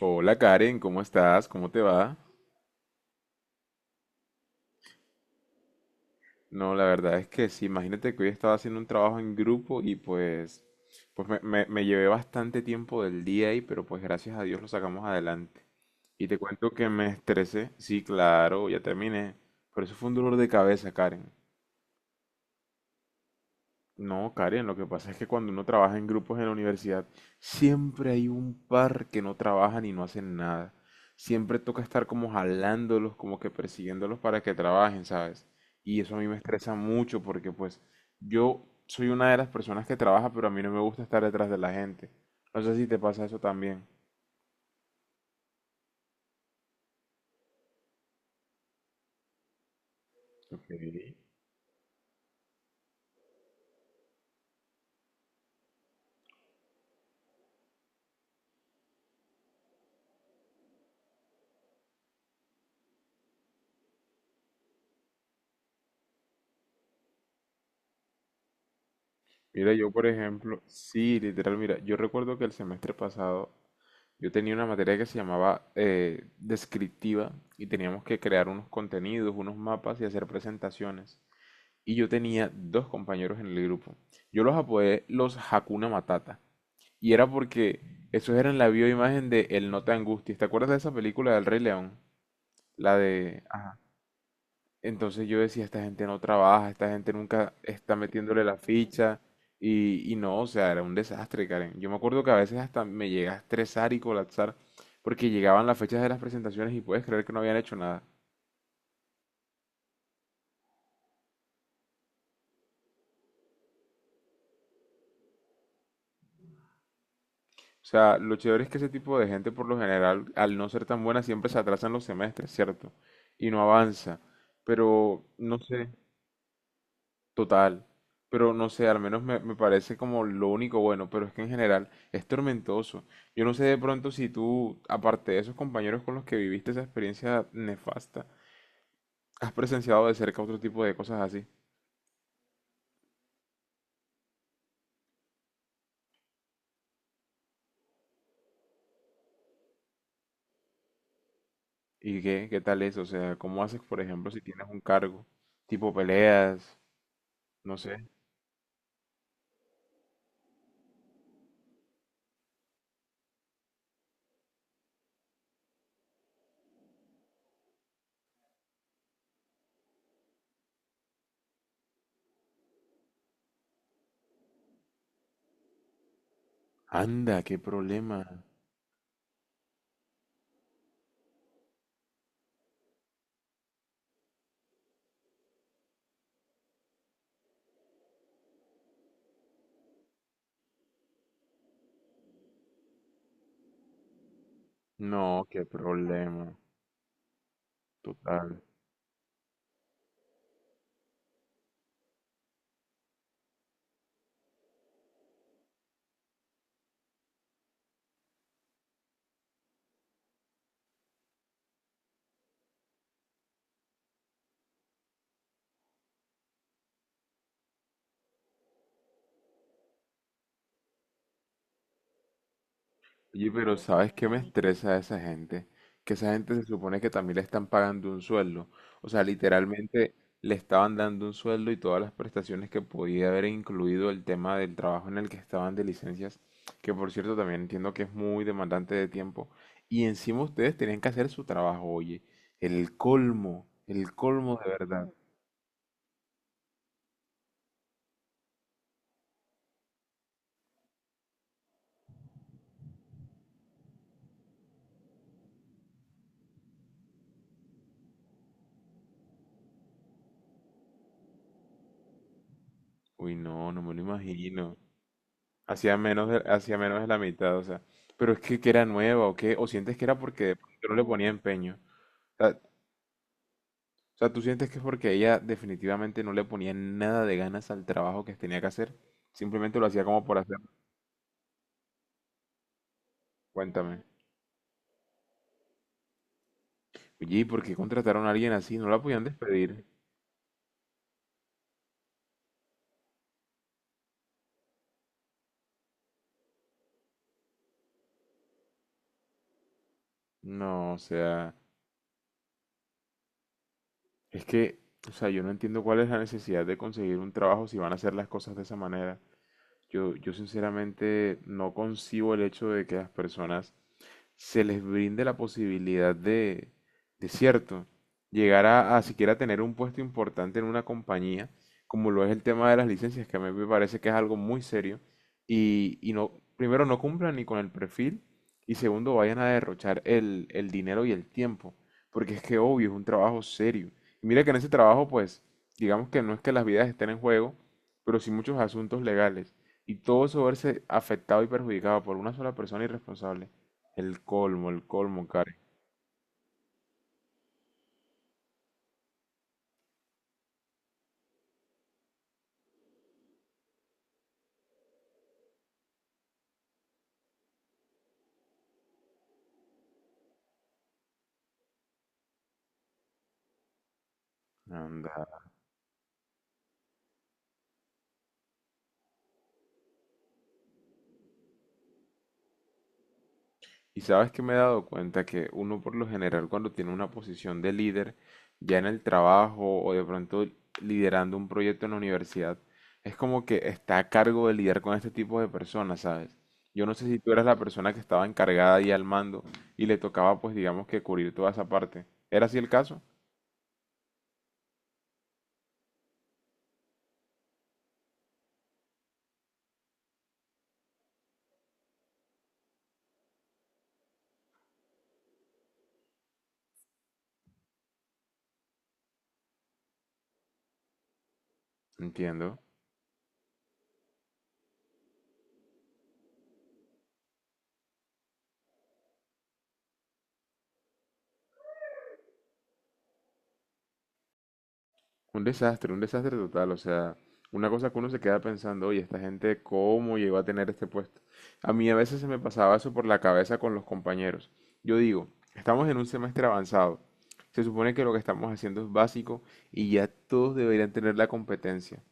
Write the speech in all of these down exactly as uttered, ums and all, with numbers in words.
Hola Karen, ¿cómo estás? ¿Cómo te va? No, la verdad es que sí, imagínate que hoy estaba haciendo un trabajo en grupo y pues, pues me, me- me llevé bastante tiempo del día ahí, pero pues gracias a Dios lo sacamos adelante. Y te cuento que me estresé, sí, claro, ya terminé, pero eso fue un dolor de cabeza, Karen. No, Karen, lo que pasa es que cuando uno trabaja en grupos en la universidad, siempre hay un par que no trabajan y no hacen nada. Siempre toca estar como jalándolos, como que persiguiéndolos para que trabajen, ¿sabes? Y eso a mí me estresa mucho porque pues yo soy una de las personas que trabaja, pero a mí no me gusta estar detrás de la gente. No sé si te pasa eso también. Ok. Mira, yo por ejemplo, sí, literal, mira, yo recuerdo que el semestre pasado yo tenía una materia que se llamaba eh, descriptiva y teníamos que crear unos contenidos, unos mapas y hacer presentaciones. Y yo tenía dos compañeros en el grupo. Yo los apodé los Hakuna Matata. Y era porque esos eran la bioimagen de El No Te Angusties. ¿Te acuerdas de esa película del Rey León? La de... Ajá. Entonces yo decía, esta gente no trabaja, esta gente nunca está metiéndole la ficha y, y no, o sea, era un desastre, Karen. Yo me acuerdo que a veces hasta me llega a estresar y colapsar porque llegaban las fechas de las presentaciones y puedes creer que no habían hecho nada. O sea, lo chévere es que ese tipo de gente por lo general, al no ser tan buena, siempre se atrasan los semestres, ¿cierto? Y no avanza. Pero, no sé. Total, pero no sé, al menos me, me parece como lo único bueno, pero es que en general es tormentoso. Yo no sé de pronto si tú, aparte de esos compañeros con los que viviste esa experiencia nefasta, has presenciado de cerca otro tipo de cosas así. ¿Y qué, qué tal es? O sea, ¿cómo haces, por ejemplo, si tienes un cargo? Tipo peleas, no sé. Anda, qué problema. No, qué problema. Total. Oye, pero ¿sabes qué me estresa de esa gente? Que esa gente se supone que también le están pagando un sueldo. O sea, literalmente le estaban dando un sueldo y todas las prestaciones que podía haber incluido el tema del trabajo en el que estaban de licencias, que por cierto también entiendo que es muy demandante de tiempo. Y encima ustedes tenían que hacer su trabajo, oye. El colmo, el colmo de verdad. Uy, no, no me lo imagino. Hacía menos de, hacía menos de la mitad, o sea. Pero es que, que era nueva o qué, o sientes que era porque de pronto no le ponía empeño. O sea, o sea, tú sientes que es porque ella definitivamente no le ponía nada de ganas al trabajo que tenía que hacer. Simplemente lo hacía como por hacer. Cuéntame. Oye, ¿y por qué contrataron a alguien así? ¿No la podían despedir? No, o sea, es que, o sea, yo no entiendo cuál es la necesidad de conseguir un trabajo si van a hacer las cosas de esa manera. Yo, yo sinceramente no concibo el hecho de que las personas se les brinde la posibilidad de, de cierto, llegar a, a siquiera tener un puesto importante en una compañía, como lo es el tema de las licencias, que a mí me parece que es algo muy serio, y, y no, primero no cumplan ni con el perfil, y segundo vayan a derrochar el, el dinero y el tiempo, porque es que obvio, es un trabajo serio. Y mira que en ese trabajo, pues, digamos que no es que las vidas estén en juego, pero sí muchos asuntos legales, y todo eso verse afectado y perjudicado por una sola persona irresponsable, el colmo, el colmo, Karen. Anda. Y sabes que me he dado cuenta que uno por lo general cuando tiene una posición de líder, ya en el trabajo o de pronto liderando un proyecto en la universidad, es como que está a cargo de lidiar con este tipo de personas, ¿sabes? Yo no sé si tú eras la persona que estaba encargada y al mando y le tocaba pues digamos que cubrir toda esa parte. ¿Era así el caso? Entiendo. Un desastre, un desastre total. O sea, una cosa que uno se queda pensando, oye, esta gente, ¿cómo llegó a tener este puesto? A mí a veces se me pasaba eso por la cabeza con los compañeros. Yo digo, estamos en un semestre avanzado. Se supone que lo que estamos haciendo es básico y ya todos deberían tener la competencia,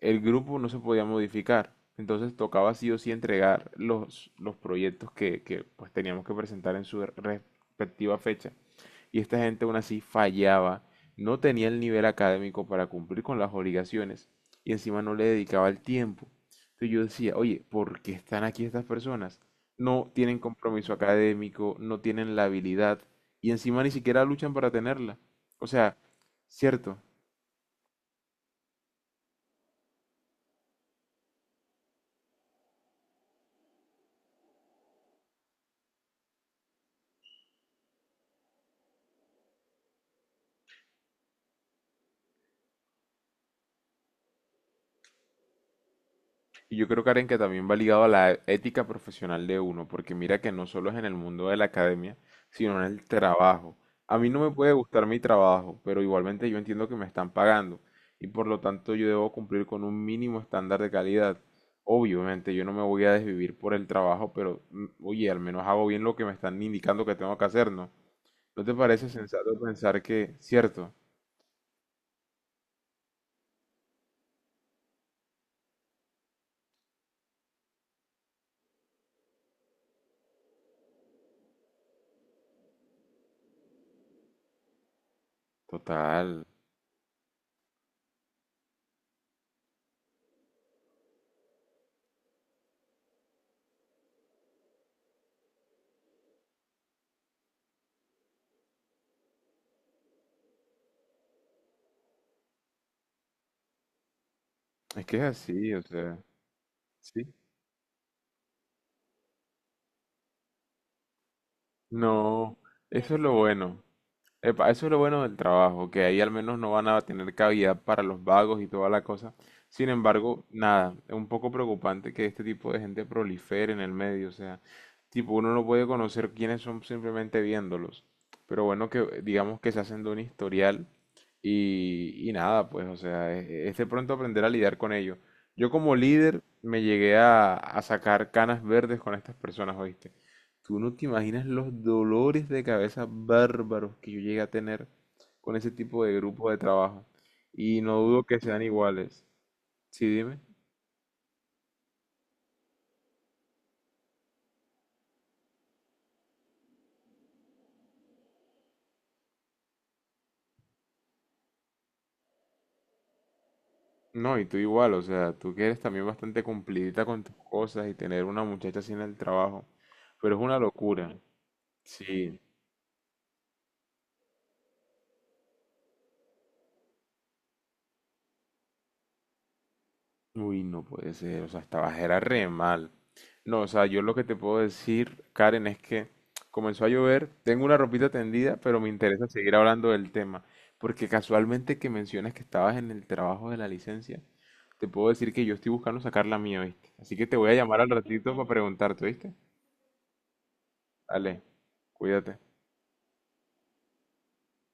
el grupo no se podía modificar. Entonces tocaba sí o sí entregar los, los proyectos que, que, pues, teníamos que presentar en su respectiva fecha. Y esta gente aún así fallaba, no tenía el nivel académico para cumplir con las obligaciones y encima no le dedicaba el tiempo. Entonces yo decía, oye, ¿por qué están aquí estas personas? No tienen compromiso académico, no tienen la habilidad y encima ni siquiera luchan para tenerla. O sea, cierto. Y yo creo, Karen, que también va ligado a la ética profesional de uno, porque mira que no solo es en el mundo de la academia, sino en el trabajo. A mí no me puede gustar mi trabajo, pero igualmente yo entiendo que me están pagando y por lo tanto yo debo cumplir con un mínimo estándar de calidad. Obviamente yo no me voy a desvivir por el trabajo, pero mm, oye, al menos hago bien lo que me están indicando que tengo que hacer, ¿no? ¿No te parece sensato pensar que, cierto? Total, es que es así, o sea, sí. No, eso es lo bueno. Epa, eso es lo bueno del trabajo, que ahí al menos no van a tener cavidad para los vagos y toda la cosa. Sin embargo, nada, es un poco preocupante que este tipo de gente prolifere en el medio, o sea, tipo uno no puede conocer quiénes son simplemente viéndolos. Pero bueno, que digamos que se hacen de un historial y, y nada, pues, o sea, es, es de pronto aprender a lidiar con ello. Yo como líder me llegué a, a sacar canas verdes con estas personas, ¿oíste? Tú no te imaginas los dolores de cabeza bárbaros que yo llegué a tener con ese tipo de grupo de trabajo. Y no dudo que sean iguales. Sí, dime. No, y tú igual, o sea, tú que eres también bastante cumplidita con tus cosas y tener una muchacha así en el trabajo. Pero es una locura. Sí. Uy, no puede ser, o sea, estabas era re mal. No, o sea, yo lo que te puedo decir, Karen, es que comenzó a llover, tengo una ropita tendida, pero me interesa seguir hablando del tema, porque casualmente que mencionas que estabas en el trabajo de la licencia, te puedo decir que yo estoy buscando sacar la mía, ¿viste? Así que te voy a llamar al ratito para preguntarte, ¿viste? Dale, cuídate.